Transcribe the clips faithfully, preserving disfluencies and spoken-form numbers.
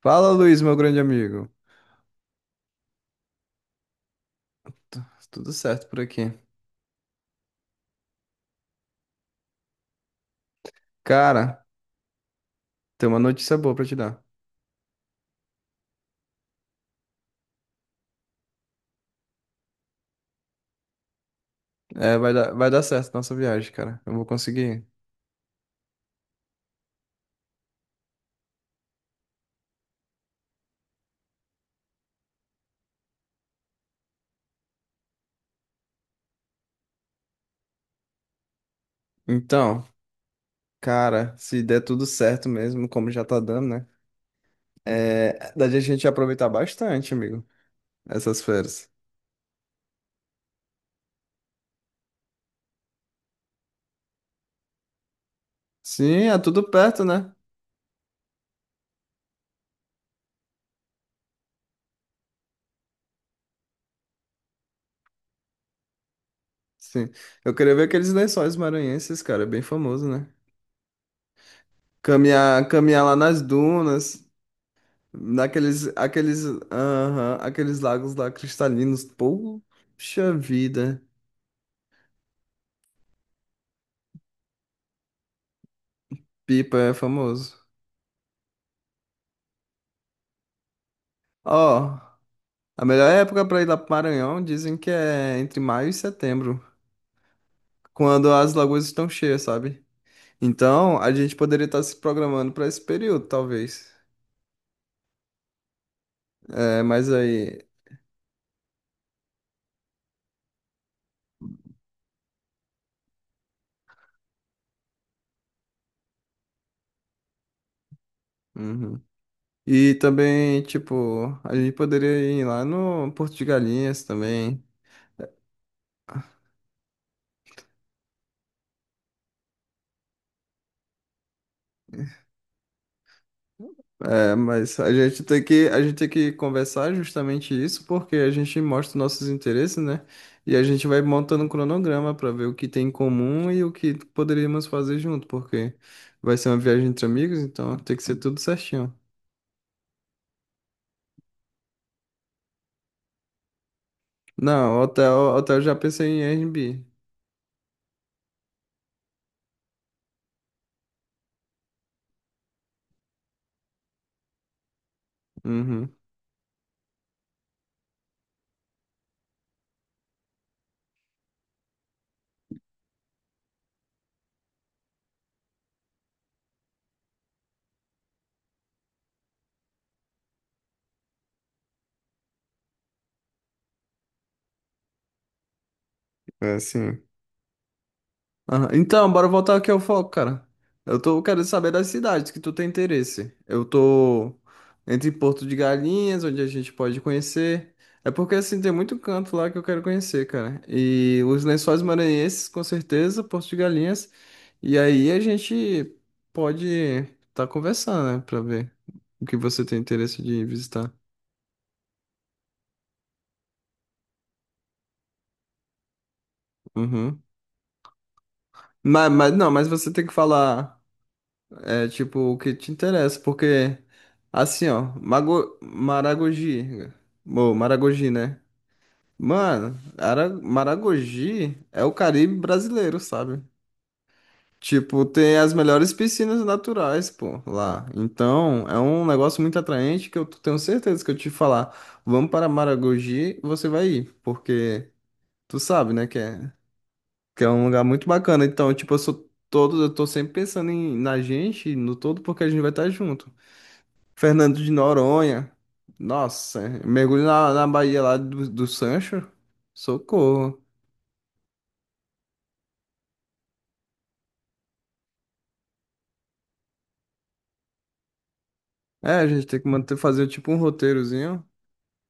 Fala, Luiz, meu grande amigo. Tu- Tudo certo por aqui. Cara, tem uma notícia boa pra te dar. É, vai dar, vai dar certo nossa viagem, cara. Eu vou conseguir. Então, cara, se der tudo certo mesmo, como já tá dando, né? É, dá a gente aproveitar bastante, amigo, essas férias. Sim, é tudo perto, né? Sim. Eu queria ver aqueles lençóis maranhenses, cara, é bem famoso, né? Caminhar, caminhar lá nas dunas. Naqueles, aqueles, aham, aqueles lagos lá cristalinos. Poxa vida. Pipa é famoso. Ó, a melhor época para ir lá pro Maranhão dizem que é entre maio e setembro, quando as lagoas estão cheias, sabe? Então, a gente poderia estar se programando para esse período, talvez. É, mas aí. Uhum. E também, tipo, a gente poderia ir lá no Porto de Galinhas também. É, mas a gente tem que, a gente tem que conversar justamente isso, porque a gente mostra nossos interesses, né? E a gente vai montando um cronograma para ver o que tem em comum e o que poderíamos fazer junto, porque vai ser uma viagem entre amigos, então tem que ser tudo certinho. Não, hotel, hotel eu já pensei em Airbnb. Uhum. É, sim. Aham. Então, bora voltar aqui ao foco, cara. Eu tô querendo saber das cidades que tu tem interesse. Eu tô entre Porto de Galinhas, onde a gente pode conhecer. É porque assim tem muito canto lá que eu quero conhecer, cara. E os Lençóis Maranhenses, com certeza, Porto de Galinhas. E aí a gente pode estar conversando, né, pra ver o que você tem interesse de visitar. Uhum. Mas, mas não, mas você tem que falar. É tipo o que te interessa, porque assim, ó, mago, Maragogi, bom, Maragogi, né? Mano, Ara- Maragogi é o Caribe brasileiro, sabe? Tipo, tem as melhores piscinas naturais, pô, lá. Então, é um negócio muito atraente que eu tenho certeza que eu te falar, vamos para Maragogi, você vai ir, porque tu sabe, né, que é, que é um lugar muito bacana. Então, tipo, eu sou todo, eu tô sempre pensando em, na gente, no todo, porque a gente vai estar junto. Fernando de Noronha. Nossa, mergulho na, na Bahia lá do, do Sancho. Socorro. É, a gente tem que manter, fazer tipo um roteirozinho.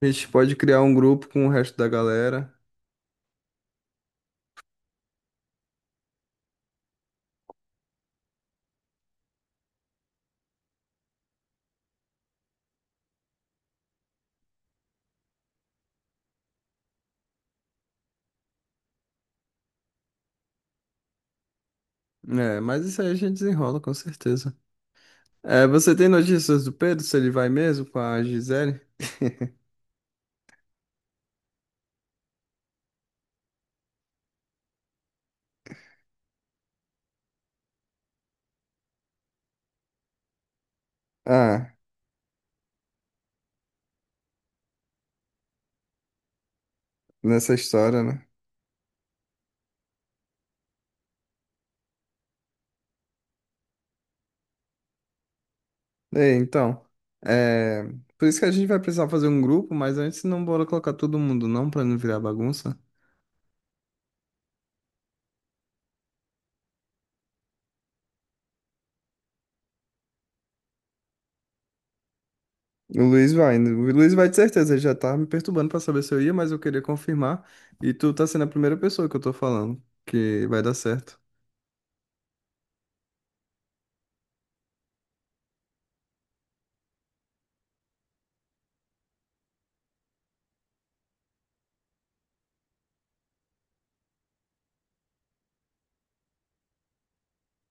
A gente pode criar um grupo com o resto da galera. É, mas isso aí a gente desenrola, com certeza. É, você tem notícias do Pedro, se ele vai mesmo com a Gisele? Ah, nessa história, né? É, então. É, por isso que a gente vai precisar fazer um grupo, mas antes não bora colocar todo mundo, não, pra não virar bagunça. O Luiz vai, né? O Luiz vai de certeza, ele já tá me perturbando pra saber se eu ia, mas eu queria confirmar. E tu tá sendo a primeira pessoa que eu tô falando que vai dar certo.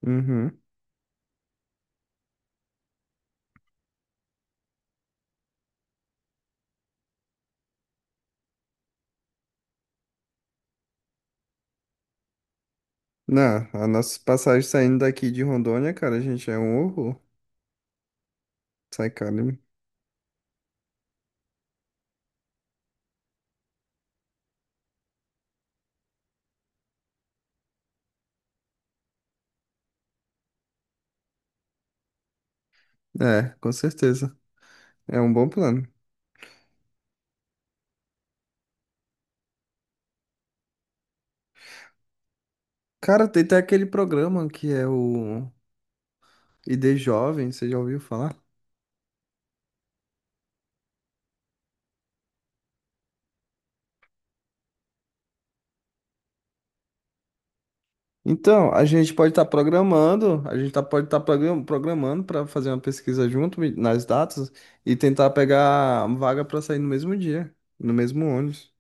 Uhum. Não, a nossa passagem saindo daqui de Rondônia, cara, a gente é um horror. Sai caro. É, com certeza. É um bom plano. Cara, tem até aquele programa que é o I D Jovem, você já ouviu falar? Então, a gente pode estar programando, a gente tá, pode estar programando para fazer uma pesquisa junto me- nas datas e tentar pegar vaga para sair no mesmo dia, no mesmo ônibus,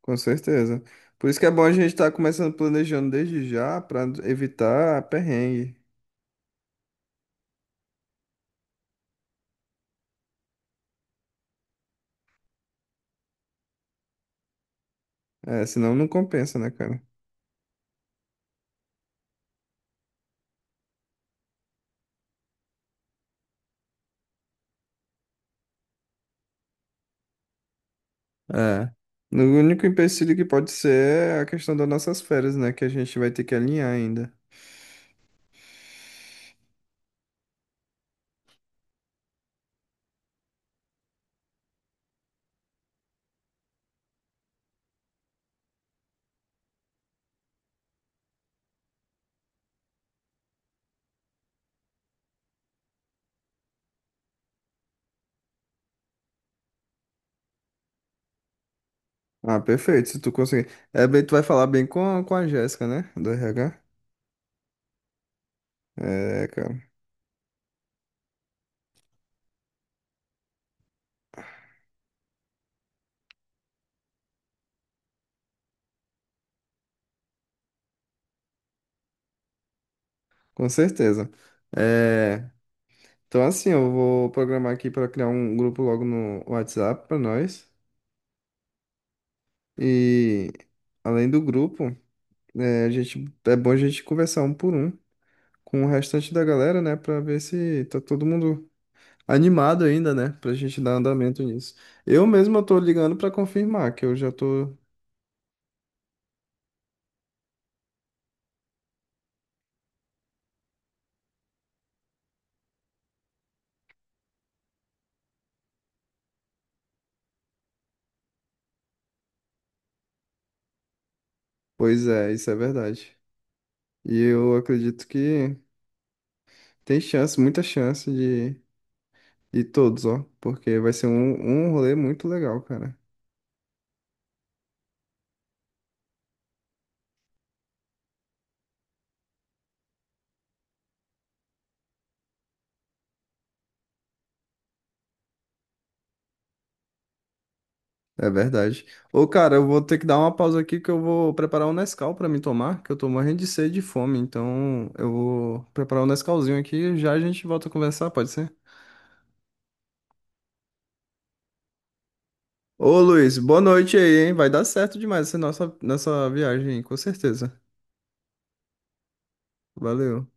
com certeza. Por isso que é bom a gente estar começando planejando desde já para evitar perrengue. É, senão não compensa, né, cara? É. O único empecilho que pode ser é a questão das nossas férias, né? Que a gente vai ter que alinhar ainda. Ah, perfeito. Se tu conseguir. É bem, tu vai falar bem com, a- com a Jéssica, né? Do R H. É, cara, com certeza. É, então, assim, eu vou programar aqui para criar um grupo logo no WhatsApp para nós. E, além do grupo, é, a gente, é bom a gente conversar um por um com o restante da galera, né? Para ver se tá todo mundo animado ainda, né? Para a gente dar andamento nisso. Eu mesmo eu tô ligando para confirmar que eu já tô. Pois é, isso é verdade. E eu acredito que tem chance, muita chance e todos, ó. Porque vai ser um, um rolê muito legal, cara. É verdade. Ô, cara, eu vou ter que dar uma pausa aqui que eu vou preparar um Nescau pra me tomar, que eu tô morrendo de sede e fome. Então, eu vou preparar um Nescauzinho aqui e já a gente volta a conversar, pode ser? Ô, Luiz, boa noite aí, hein? Vai dar certo demais essa nossa, nossa viagem, aí, com certeza. Valeu.